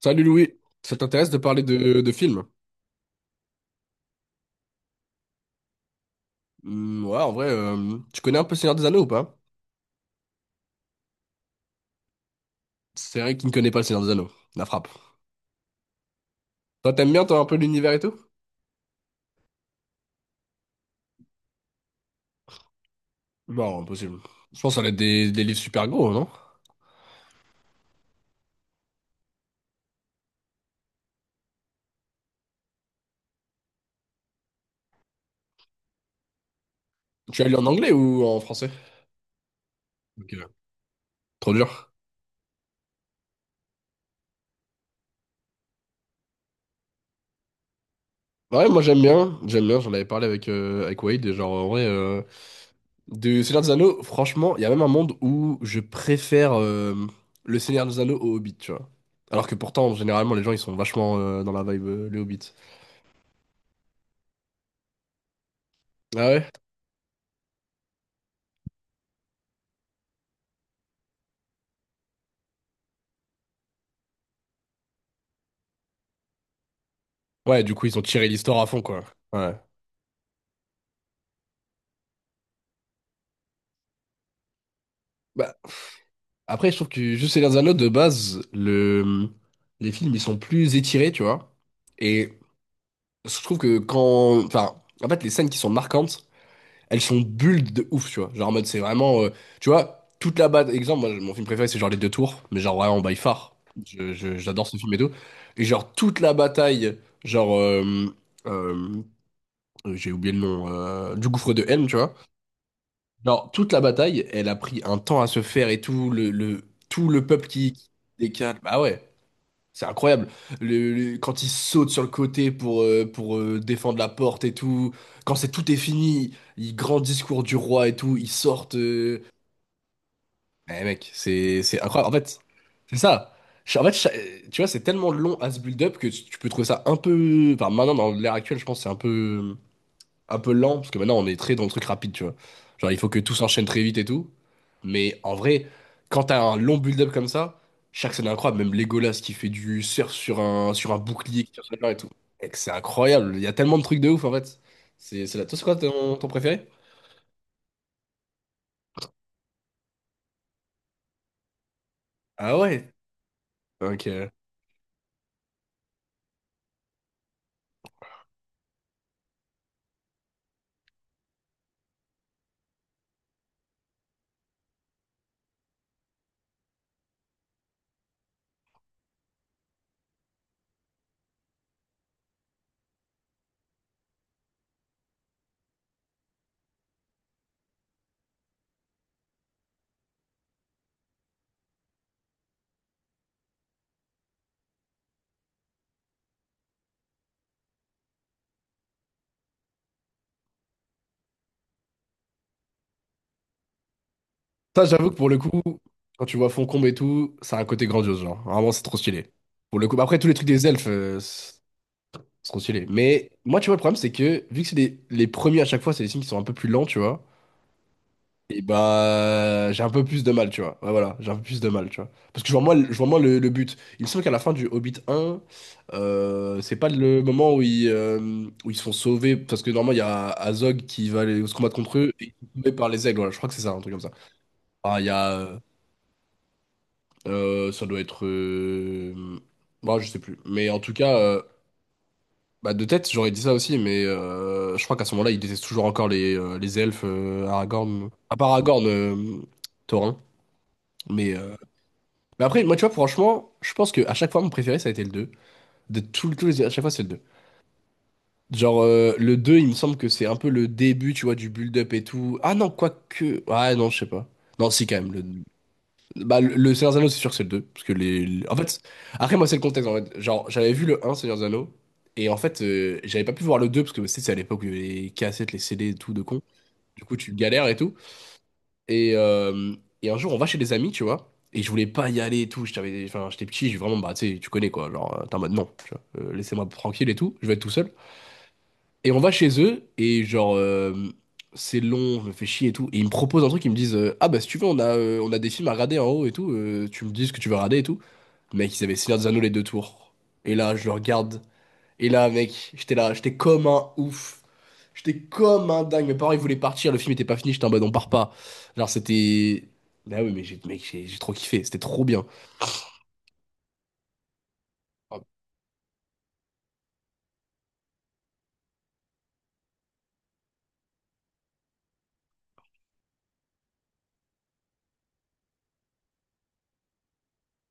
Salut Louis, ça t'intéresse de parler de films? Hmm, ouais, en vrai, tu connais un peu Seigneur des Anneaux ou pas? C'est vrai qu'il ne connaît pas le Seigneur des Anneaux, la frappe. Toi, t'aimes bien, toi, un peu l'univers et tout? Non, impossible. Je pense que ça va être des livres super gros, non? Tu as lu en anglais ou en français? Ok. Trop dur. Ouais, moi j'aime bien, j'en avais parlé avec Wade, et genre en vrai, du Seigneur des Anneaux, franchement, il y a même un monde où je préfère le Seigneur des Anneaux au Hobbit, tu vois. Alors que pourtant, généralement, les gens ils sont vachement dans la vibe, le Hobbit. Ah ouais? Ouais, du coup, ils ont tiré l'histoire à fond, quoi. Ouais. Bah, après, je trouve que juste les Anneaux, de base, les films, ils sont plus étirés, tu vois. Et je trouve que enfin, en fait, les scènes qui sont marquantes, elles sont bulles de ouf, tu vois. Genre, en mode, c'est vraiment, tu vois, toute la bataille. Exemple, moi, mon film préféré, c'est genre Les Deux Tours, mais genre vraiment by far. J'adore ce film et tout. Et genre, toute la bataille, genre, euh, j'ai oublié le nom, du gouffre de Helm, tu vois. Genre, toute la bataille, elle a pris un temps à se faire et tout le peuple qui décale. Bah ouais, c'est incroyable. Quand il saute sur le côté pour défendre la porte et tout, quand c'est tout est fini, il grand discours du roi et tout, ils sortent. Eh mec, c'est incroyable. En fait, c'est ça. En fait, tu vois, c'est tellement long à ce build-up que tu peux trouver ça un peu. Enfin, maintenant, dans l'ère actuelle, je pense que c'est un peu lent, parce que maintenant on est très dans le truc rapide, tu vois. Genre il faut que tout s'enchaîne très vite et tout. Mais en vrai, quand t'as un long build-up comme ça, chaque scène est incroyable, même Legolas qui fait du surf sur un bouclier qui tire sur la mer et tout. Et c'est incroyable, il y a tellement de trucs de ouf en fait. C'est là. Toi, c'est quoi ton préféré? Ah ouais? Ok. Ça, j'avoue que pour le coup, quand tu vois Foncombe et tout, ça a un côté grandiose, genre. Vraiment, c'est trop stylé. Pour le coup, bah, après, tous les trucs des elfes, se consulé. Mais moi, tu vois, le problème, c'est que vu que les premiers à chaque fois, c'est des signes qui sont un peu plus lents, tu vois. Et bah, j'ai un peu plus de mal, tu vois. Ouais, voilà, j'ai un peu plus de mal, tu vois. Parce que je vois moins le but. Il me semble qu'à la fin du Hobbit 1, c'est pas le moment où ils se font sauver. Parce que normalement, il y a Azog qui va aller se combattre contre eux et qui est sauvé par les aigles. Voilà, je crois que c'est ça, un truc comme ça. Ah, il y a. Ça doit être. Bah, je sais plus. Mais en tout cas. Bah, de tête, j'aurais dit ça aussi, mais je crois qu'à ce moment-là, il déteste toujours encore les elfes, Aragorn. À part Aragorn, Thorin. Mais, euh, mais, après, moi, tu vois, franchement, je pense que à chaque fois, mon préféré, ça a été le deux. De tout, à chaque fois, c'est le deux. Genre, le 2 il me semble que c'est un peu le début, tu vois, du build-up et tout. Ah non, quoique. Ah non, je sais pas. Non, si, quand même. Bah, le Seigneur des Anneaux, c'est sûr que c'est le deux. Parce que en fait, après, moi, c'est le contexte, en fait. Genre, j'avais vu le un Seigneur des Anneaux, et en fait, j'avais pas pu voir le 2 parce que tu sais, c'est à l'époque où il y avait les cassettes, les CD, et tout de con. Du coup, tu galères et tout. Et, euh, et un jour, on va chez des amis, tu vois, et je voulais pas y aller et tout. Enfin, j'étais petit, j'ai vraiment, bah, tu sais, tu connais, quoi. Genre, t'es en mode, non, tu vois, laissez-moi tranquille et tout, je vais être tout seul. Et on va chez eux, et genre, c'est long, je me fais chier et tout. Et ils me proposent un truc, ils me disent, ah bah si tu veux, on a des films à regarder en haut et tout, tu me dis ce que tu veux regarder et tout. Mec, ils avaient Seigneur des Anneaux les deux tours. Et là, je le regarde. Et là, mec, j'étais là, j'étais comme un ouf. J'étais comme un dingue. Mes parents, ils voulaient partir, le film était pas fini, j'étais en mode, on part pas. Genre, c'était. Bah oui, mais j'ai, mec, j'ai trop kiffé, c'était trop bien.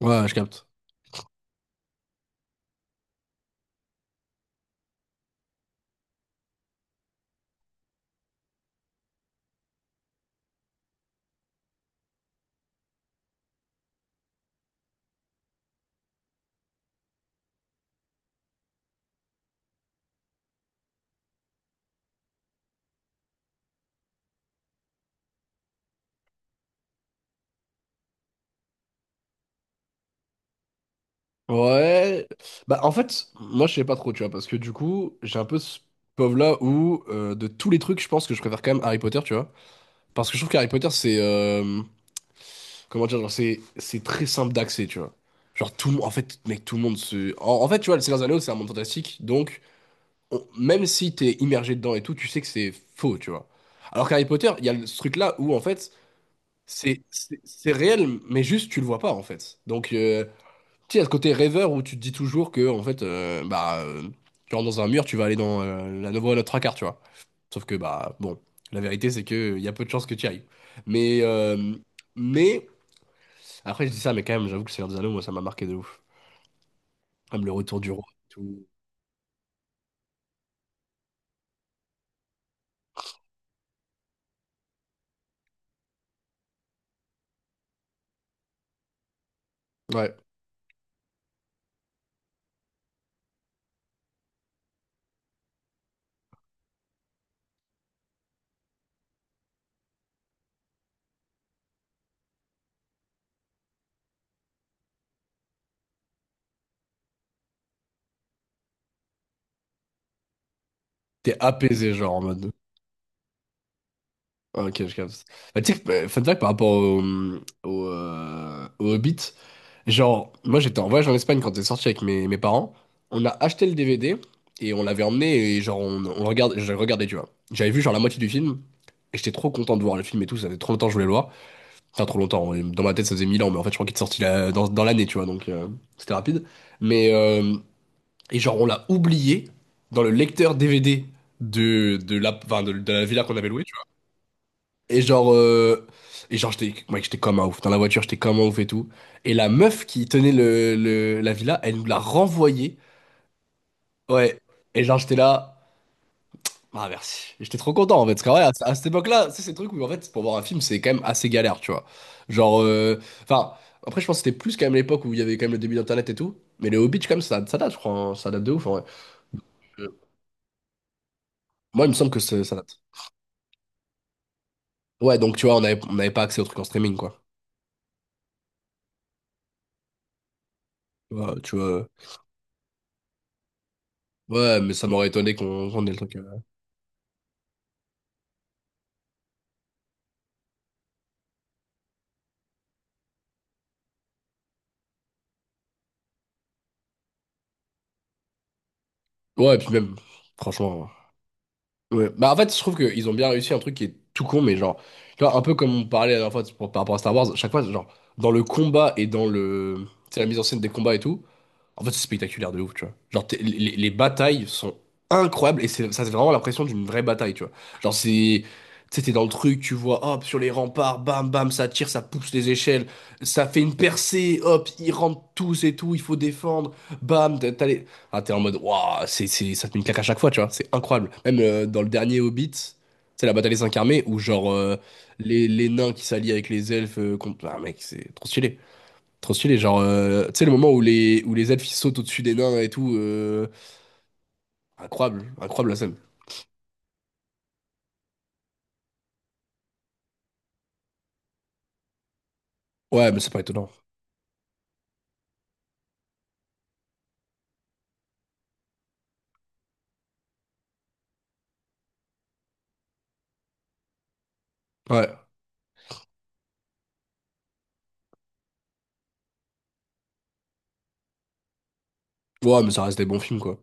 Ouais, je capte. Ouais, bah en fait, moi je sais pas trop, tu vois, parce que du coup, j'ai un peu ce pauvre-là où, de tous les trucs, je pense que je préfère quand même Harry Potter, tu vois. Parce que je trouve qu'Harry Potter, c'est, comment dire, genre, c'est très simple d'accès, tu vois. Genre, tout le monde, en fait, mec, tout le monde En fait, tu vois, le Seigneur des Anneaux, c'est un monde fantastique, donc, même si t'es immergé dedans et tout, tu sais que c'est faux, tu vois. Alors qu'Harry Potter, il y a ce truc-là où, en fait, c'est réel, mais juste, tu le vois pas, en fait. Donc, tu sais, il y a ce côté rêveur où tu te dis toujours que, en fait, bah, tu rentres dans un mur, tu vas aller dans la voie à notre trois quarts, tu vois. Sauf que, bah, bon, la vérité, c'est que il y a peu de chances que tu y ailles. Mais, euh, mais, après, je dis ça, mais quand même, j'avoue que Seigneur des Anneaux, moi, ça m'a marqué de ouf. Comme le retour du roi, et tout. Ouais. T'es apaisé, genre, en mode, ah, Ok, je capte. Bah, tu sais, que, bah, fun fact par rapport au Hobbit, genre, moi j'étais en voyage en Espagne quand c'est sorti avec mes parents. On a acheté le DVD et on l'avait emmené et genre, on le regarde, je le regardais, tu vois. J'avais vu genre la moitié du film et j'étais trop content de voir le film et tout. Ça faisait trop longtemps que je voulais le voir. Enfin, trop longtemps. Ouais. Dans ma tête, ça faisait 1000 ans, mais en fait, je crois qu'il est sorti dans l'année, tu vois, donc c'était rapide. Mais, et genre, on l'a oublié dans le lecteur DVD de la villa qu'on avait louée. Et genre, euh, et genre j'étais mec, j'étais comme un ouf. Dans la voiture, j'étais comme un ouf et tout. Et la meuf qui tenait la villa, elle nous l'a renvoyée. Ouais. Et genre, j'étais là. Ah, merci. Et j'étais trop content en fait. Parce qu'en vrai, à cette époque-là, c'est ces trucs où en fait, pour voir un film, c'est quand même assez galère, tu vois. Genre, enfin, après, je pense que c'était plus quand même l'époque où il y avait quand même le début d'Internet et tout. Mais les Hobbits, quand même, ça date, je crois. Hein. Ça date de ouf en vrai. Euh, Moi, il me semble que ça date. Ouais, donc tu vois, on avait, on n'avait pas accès aux trucs en streaming, quoi. Tu vois, tu vois. Ouais, mais ça m'aurait étonné qu'on ait le truc. Ouais, puis même, franchement. Ouais. Bah, en fait, je trouve qu'ils ont bien réussi un truc qui est tout con, mais genre, tu vois, un peu comme on parlait la dernière fois par rapport à Star Wars, chaque fois, genre, dans le combat et dans le, tu sais, la mise en scène des combats et tout, en fait, c'est spectaculaire de ouf, tu vois. Genre, les batailles sont incroyables et c'est, ça, c'est vraiment l'impression d'une vraie bataille, tu vois. Genre, c'est. Tu sais, t'es dans le truc, tu vois, hop, sur les remparts, bam, bam, ça tire, ça pousse les échelles, ça fait une percée, hop, ils rentrent tous et tout, il faut défendre, bam, t'as les. Ah, t'es en mode, waouh, ça te met une claque à chaque fois, tu vois, c'est incroyable. Même dans le dernier Hobbit, c'est la bataille des cinq armées où, genre, les nains qui s'allient avec les elfes, contre. Ah, mec, c'est trop stylé. Trop stylé, genre, tu sais, le moment où les elfes ils sautent au-dessus des nains et tout, incroyable, incroyable la scène. Ouais, mais c'est pas étonnant. Ouais, ouais, mais ça reste des bons films, quoi.